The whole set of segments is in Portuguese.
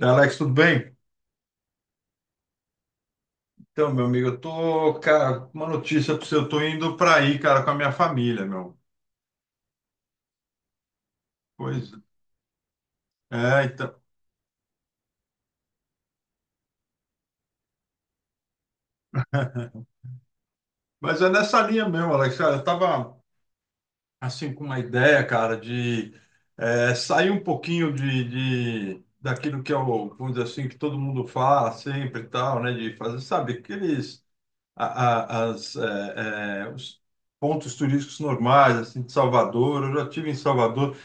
Alex, tudo bem? Então, meu amigo, eu tô, cara, uma notícia para você, eu tô indo para aí, cara, com a minha família, meu. Pois é, então. Mas é nessa linha mesmo, Alex, cara, eu tava, assim, com uma ideia, cara, de sair um pouquinho de, daquilo que é o, vamos dizer assim, que todo mundo fala sempre e tal, né, de fazer, sabe, aqueles, a- os pontos turísticos normais, assim, de Salvador. Eu já tive em Salvador,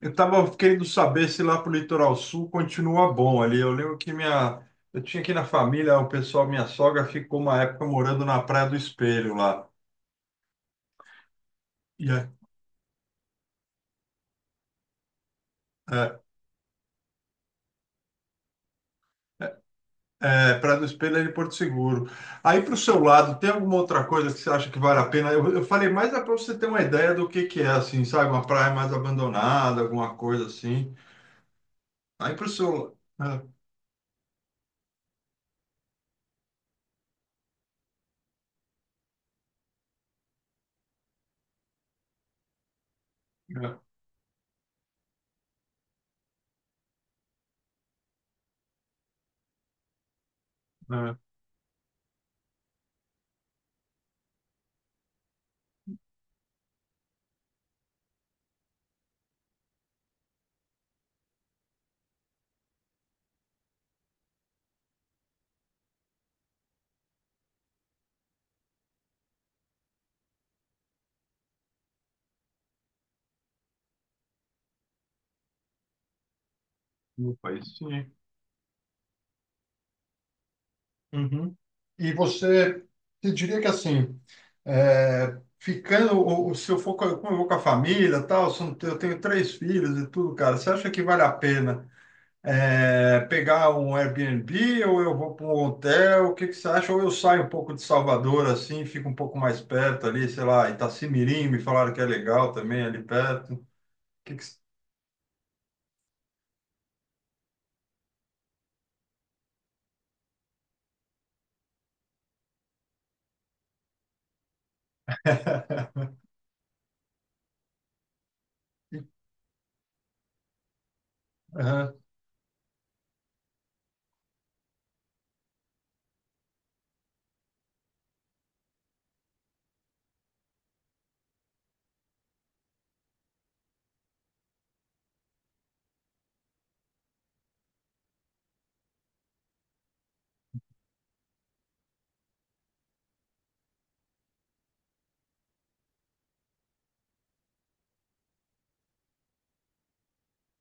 eu estava querendo saber se lá pro litoral sul continua bom ali. Eu lembro que minha, eu tinha aqui na família, o pessoal, minha sogra ficou uma época morando na Praia do Espelho lá. E é, Praia do Espelho é de Porto Seguro. Aí para o seu lado, tem alguma outra coisa que você acha que vale a pena? Eu falei mais para você ter uma ideia do que é, assim, sabe? Uma praia mais abandonada, alguma coisa assim. Aí para o seu lado. É, é, é, no país, sim. Uhum. E você diria que assim, ficando, ou se eu for, como eu vou com a família, tal, se eu não tenho eu tenho três filhos e tudo, cara, você acha que vale a pena pegar um Airbnb ou eu vou para um hotel? O que que você acha? Ou eu saio um pouco de Salvador, assim, fico um pouco mais perto ali, sei lá, Itacimirim, me falaram que é legal também ali perto. O que que você...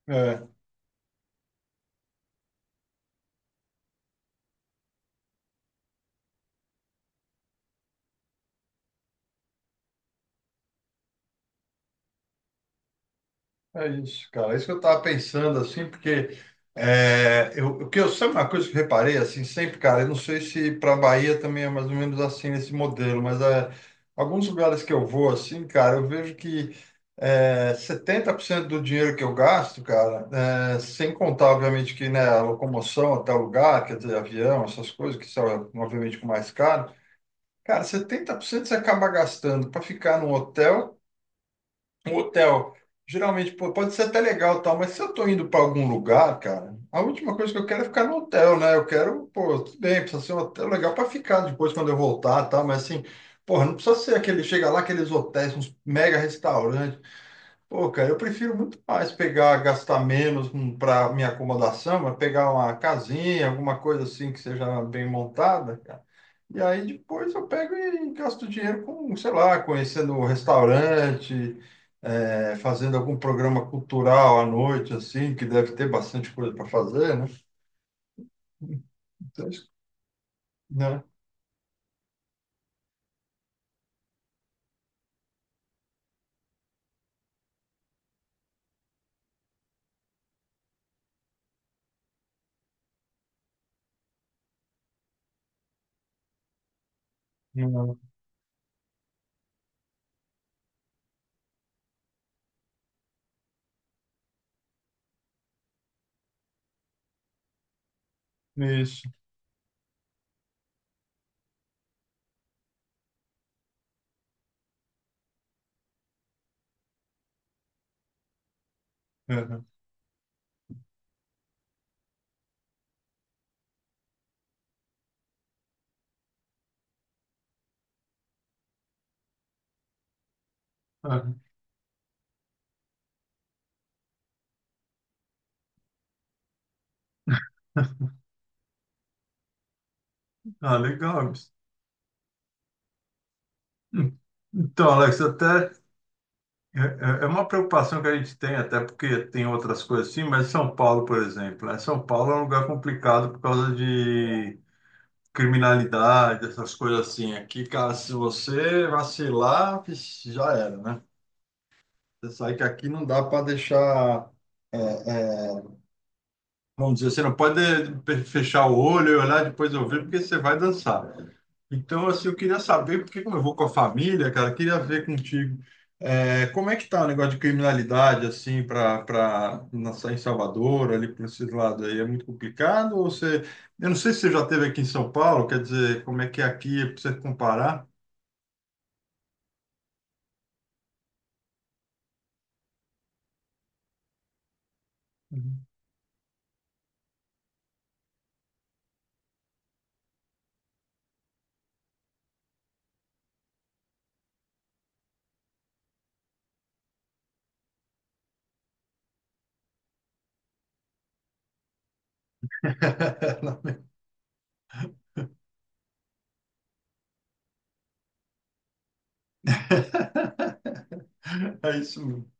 Aham. É isso, cara. É isso que eu estava pensando, assim, porque é, eu, o que eu sempre uma coisa que eu reparei, assim, sempre, cara. Eu não sei se para Bahia também é mais ou menos assim nesse modelo, mas alguns lugares que eu vou, assim, cara, eu vejo que 70% do dinheiro que eu gasto, cara, sem contar, obviamente, que né, a locomoção até o lugar, quer dizer, avião, essas coisas, que são, obviamente, com mais caro, cara, 70% você acaba gastando para ficar num hotel um hotel, geralmente. Pô, pode ser até legal, e tal, mas se eu tô indo para algum lugar, cara, a última coisa que eu quero é ficar no hotel, né? Eu quero, pô, tudo bem, precisa ser um hotel legal para ficar depois quando eu voltar, tá? Mas assim, porra, não precisa ser aquele, chega lá, aqueles hotéis, uns mega restaurantes. Pô, cara, eu prefiro muito mais pegar, gastar menos para minha acomodação, mas pegar uma casinha, alguma coisa assim que seja bem montada, cara. E aí depois eu pego e gasto dinheiro com, sei lá, conhecendo um restaurante, fazendo algum programa cultural à noite, assim, que deve ter bastante coisa para fazer, né? Então, né? Não. Isso. Aham, aham. Ah, legal. Isso. Então, Alex, até É é é uma preocupação que a gente tem, até porque tem outras coisas assim, mas São Paulo, por exemplo, né? São Paulo é um lugar complicado por causa de criminalidade, essas coisas assim. Aqui, cara, se você vacilar, vixe, já era, né? Você sabe que aqui não dá para deixar, vamos dizer, você não pode fechar o olho e olhar depois ouvir, porque você vai dançar. Então, assim, eu queria saber, porque como eu vou com a família, cara, eu queria ver contigo, como é que tá o negócio de criminalidade, assim, para em Salvador, ali por esse lado aí, é muito complicado? Ou você, eu não sei se você já esteve aqui em São Paulo, quer dizer, como é que é aqui, para você comparar? Uhum. É isso mesmo.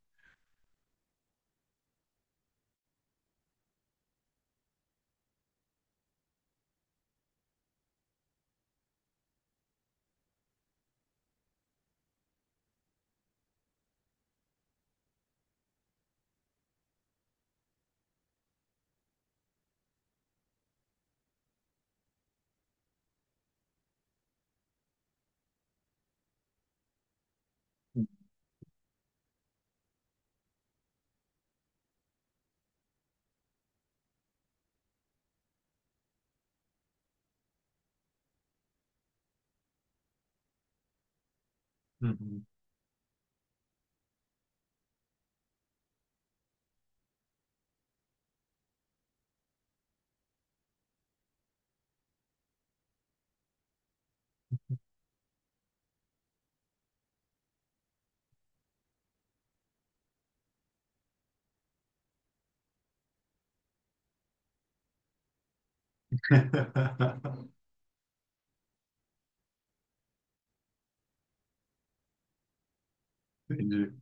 Uhum. Entendi.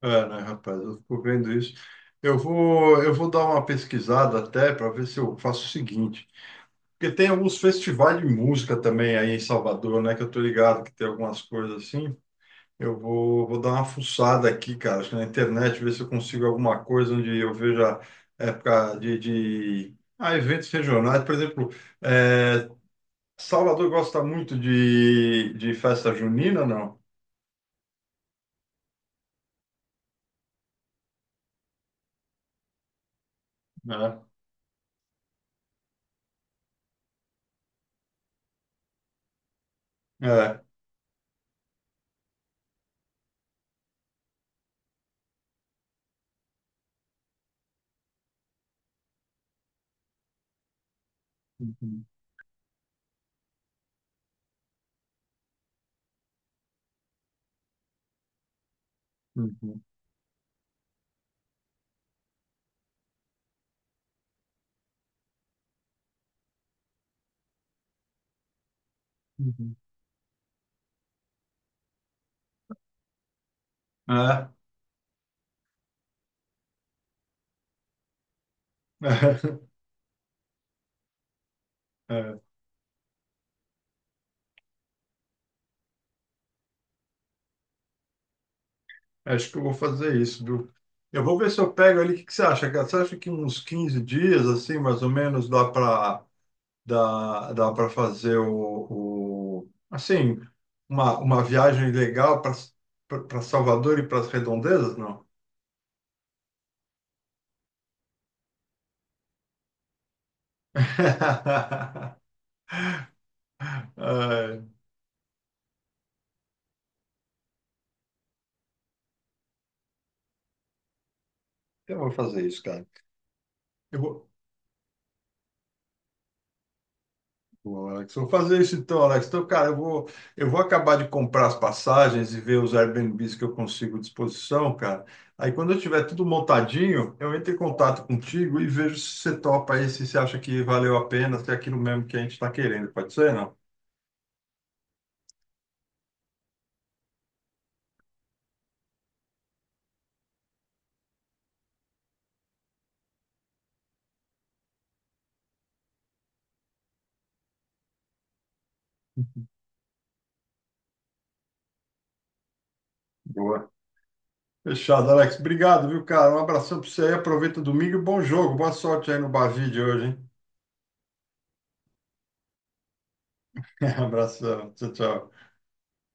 É, né, rapaz, eu fico vendo isso. Eu vou dar uma pesquisada até para ver se eu faço o seguinte. Porque tem alguns festivais de música também aí em Salvador, né? Que eu tô ligado que tem algumas coisas assim. Eu vou dar uma fuçada aqui, cara, acho que na internet, ver se eu consigo alguma coisa onde eu veja época Ah, eventos regionais. Por exemplo, é, Salvador gosta muito de, festa junina, não? É. É. Uhum, uhum, uhum. É. Acho que eu vou fazer isso, viu? Eu vou ver se eu pego ali. O que que você acha, cara? Você acha que uns 15 dias, assim, mais ou menos, dá para fazer assim, uma viagem legal para Salvador e para as redondezas, não? É, eu vou fazer isso, cara. Eu vou, Pô, Alex, vou fazer isso então, Alex. Então, cara, eu vou acabar de comprar as passagens e ver os Airbnbs que eu consigo à disposição, cara. Aí, quando eu tiver tudo montadinho, eu entro em contato contigo e vejo se você topa aí, se você acha que valeu a pena, se é aquilo mesmo que a gente está querendo. Pode ser, não? Boa. Fechado, Alex. Obrigado, viu, cara? Um abração para você aí. Aproveita o domingo e bom jogo. Boa sorte aí no Bavide hoje, hein? Abração. Tchau, tchau.